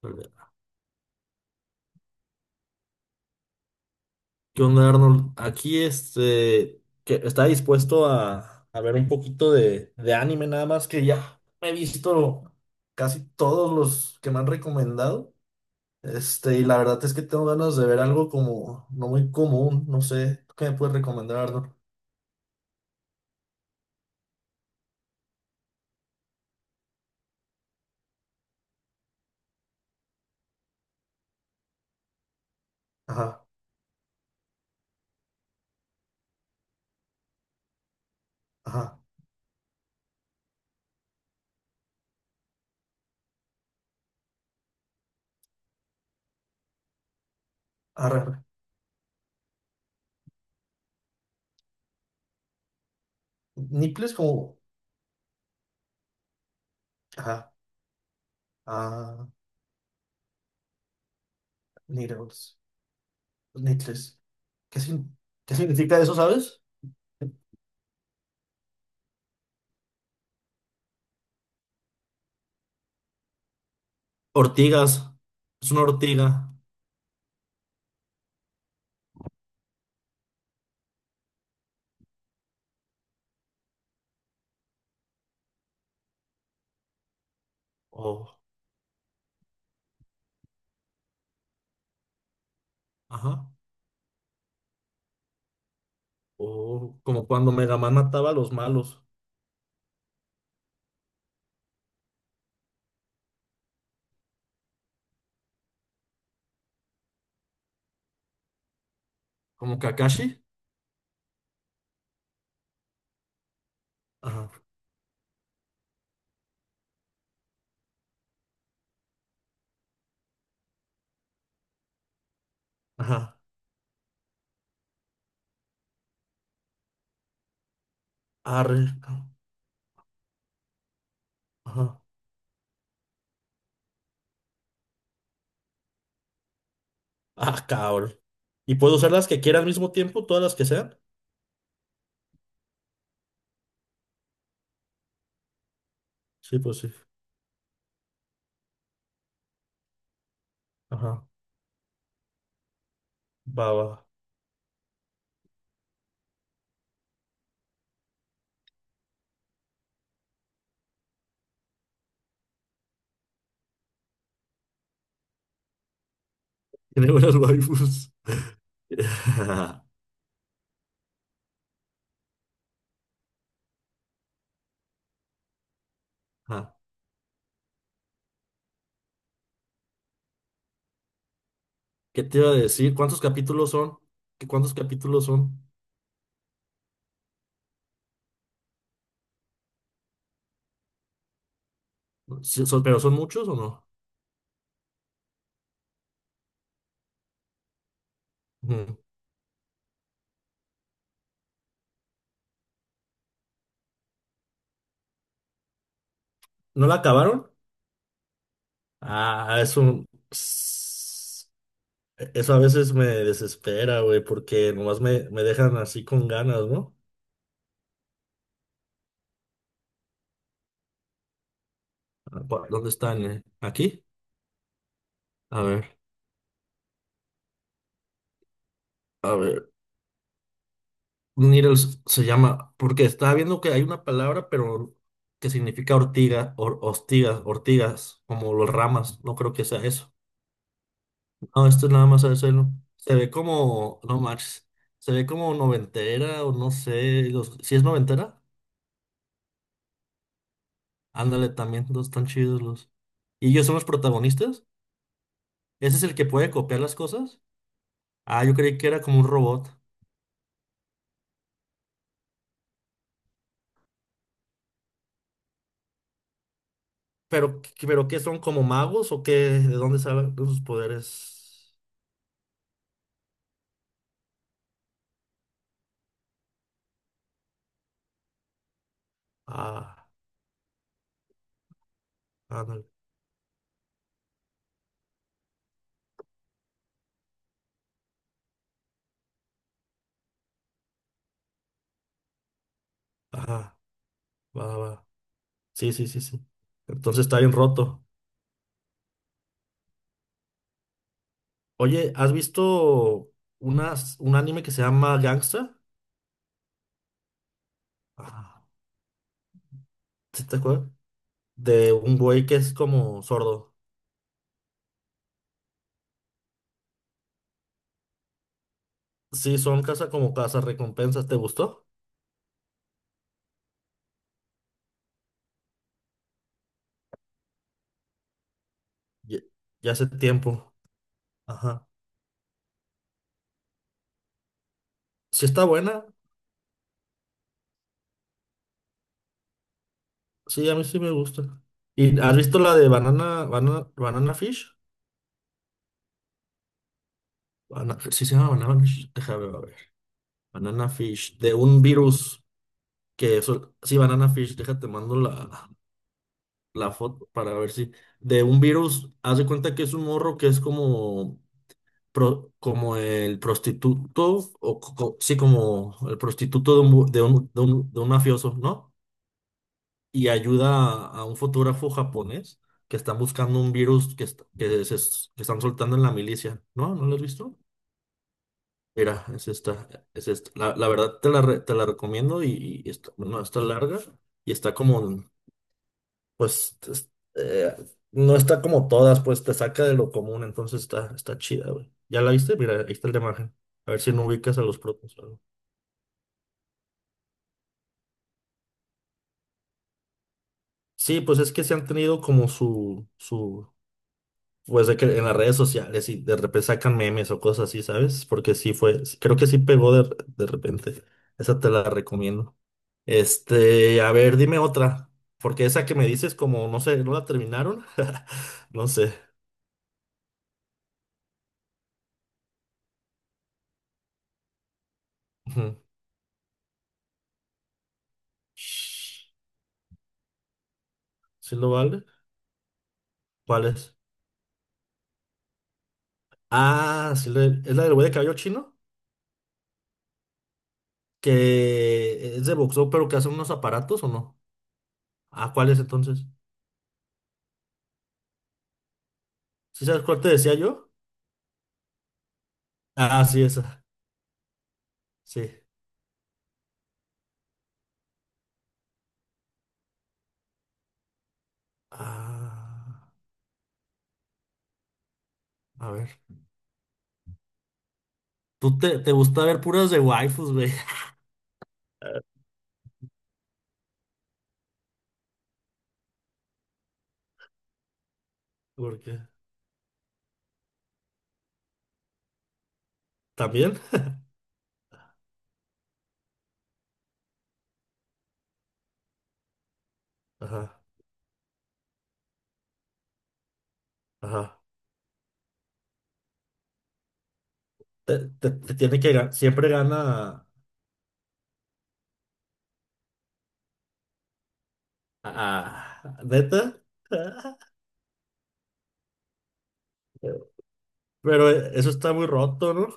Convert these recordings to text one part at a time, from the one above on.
¿Qué onda, Arnold? Aquí que está dispuesto a ver un poquito de anime, nada más que ya he visto casi todos los que me han recomendado. Y la verdad es que tengo ganas de ver algo como no muy común, no sé. ¿Tú ¿Qué me puedes recomendar, Arnold? Ajá, ajá, arre, arre. Nipples como, ajá, ah, needles, nipples. ¿Qué, sin- ¿Qué significa eso, sabes? Ortigas, es una ortiga. Ajá. O como cuando Mega Man mataba a los malos. ¿Como Kakashi? Ajá. Ajá. Arre. Ajá. Ah, cabrón. ¿Y puedo usar las que quiera al mismo tiempo? ¿Todas las que sean? Sí, pues sí. Ajá. Va, va. Tiene buenas waifus. Ajá. ¿Qué te iba a decir? ¿Cuántos capítulos son? ¿Qué cuántos capítulos son? ¿Pero son muchos o no? Ujú. ¿No la acabaron? Ah, es un. Eso a veces me desespera, güey, porque nomás me dejan así con ganas, ¿no? ¿Dónde están? ¿Eh? ¿Aquí? A ver, a ver. Needles se llama, porque estaba viendo que hay una palabra, pero que significa ortiga, or, hostigas, ortigas, como los ramas. No creo que sea eso. No, esto es nada más a decirlo. Se ve como, no manches, se ve como noventera o no sé. Los, si es noventera, ándale también, los están chidos los. ¿Y ellos son los protagonistas? ¿Ese es el que puede copiar las cosas? Ah, yo creí que era como un robot. Pero ¿qué son como magos o qué? ¿De dónde salen sus poderes? Ah, ándale. Ajá, va, va. Sí, sí, sí, sí. Entonces está bien roto. Oye, ¿has visto un anime que se llama Gangsta? Ah, ¿sí te acuerdas? De un güey que es como sordo. Sí, son casa como casa recompensas. ¿Te gustó? Ya, ya hace tiempo. Ajá. Sí está buena. Sí, a mí sí me gusta. ¿Y has visto la de Banana Fish? Sí, se llama Banana Fish. Déjame ver. Banana Fish, de un virus que eso. Sí, Banana Fish, déjate, mando la, la foto para ver si. De un virus, haz de cuenta que es un morro que es como, como el prostituto, sí, como el prostituto de un, de un mafioso, ¿no? Y ayuda a un fotógrafo japonés que están buscando un virus que, que están soltando en la milicia. ¿No? ¿No lo has visto? Mira, es esta, es esta. La verdad te la, te la recomiendo y está, no está larga y está como, pues, no está como todas, pues te saca de lo común, entonces está, está chida, güey. ¿Ya la viste? Mira, ahí está la imagen. A ver si no ubicas a los propios. Sí, pues es que se han tenido como su, pues de que en las redes sociales y de repente sacan memes o cosas así, ¿sabes? Porque sí fue, creo que sí pegó de repente. Esa te la recomiendo. A ver, dime otra. Porque esa que me dices, como no sé, ¿no la terminaron? No sé. Ujú. ¿Sí lo vale? ¿Cuál es? Ah, es la del güey de cabello chino. Que es de boxeo, pero que hace unos aparatos o no. Ah, ¿cuál es entonces? ¿Sí sabes cuál te decía yo? Ah, sí, esa. Sí. Ah, a ver. Tú te gusta ver puras de waifus, güey. Porque también, ajá, ajá. Te tiene que ganar, siempre gana neta. Pero eso está muy roto, ¿no?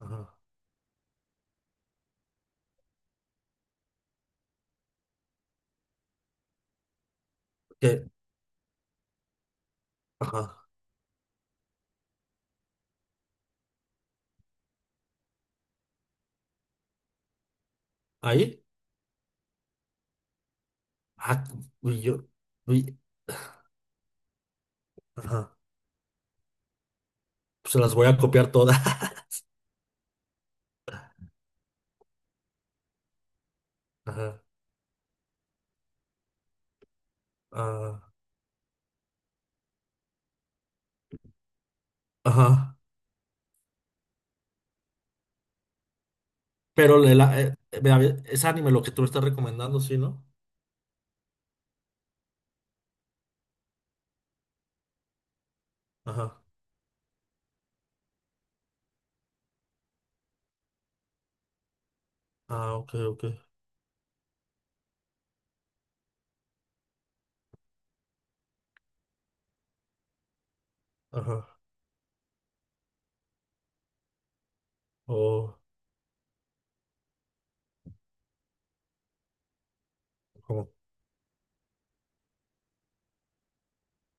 Ajá. ¿Qué? Ajá. ¿Ahí? Ah, uy, yo. Uy, ajá. Pues se las voy a copiar todas. Ajá, ah, ajá. Pero le la- vea, ve- Es anime lo que tú me estás recomendando, ¿sí, no? Ajá. Ah, ok, ok. Ajá. Oh, ¿cómo?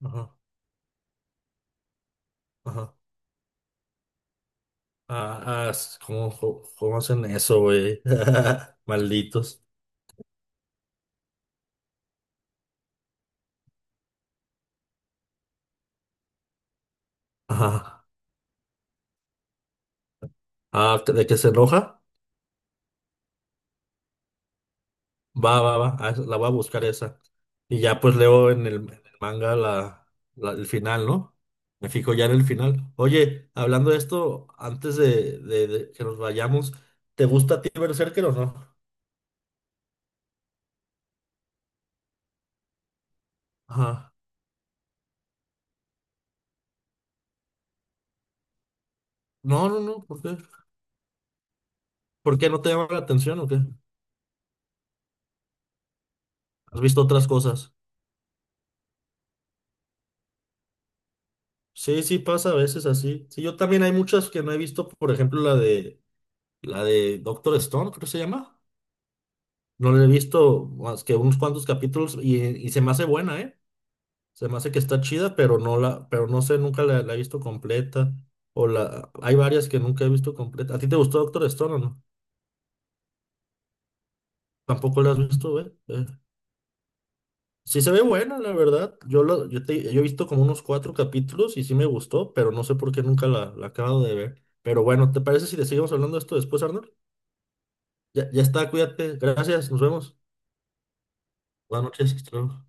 Ajá. Ajá. Ah, ¿Cómo, cómo hacen eso, güey? Malditos. Ajá. Ah, de que se enoja. Va, va, va. La voy a buscar esa. Y ya pues leo en el manga la, el final, ¿no? Me fijo ya en el final. Oye, hablando de esto, antes de, de que nos vayamos, ¿te gusta a ti Berserker o no? Ajá. No, no, no. ¿Por qué? ¿Por qué no te llama la atención o qué? ¿Has visto otras cosas? Sí, sí pasa a veces así. Sí, yo también hay muchas que no he visto, por ejemplo, la de Doctor Stone, creo que se llama. No la he visto más que unos cuantos capítulos y se me hace buena, ¿eh? Se me hace que está chida, pero no la, pero no sé, nunca la, la he visto completa. O la, hay varias que nunca he visto completa. ¿A ti te gustó Doctor Stone o no? Tampoco la has visto, ¿eh? Sí se ve buena, la verdad. Yo lo, yo he visto como unos 4 capítulos y sí me gustó, pero no sé por qué nunca la, la acabo de ver. Pero bueno, ¿te parece si le seguimos hablando de esto después, Arnold? Ya, ya está, cuídate. Gracias, nos vemos. Buenas noches, hasta luego.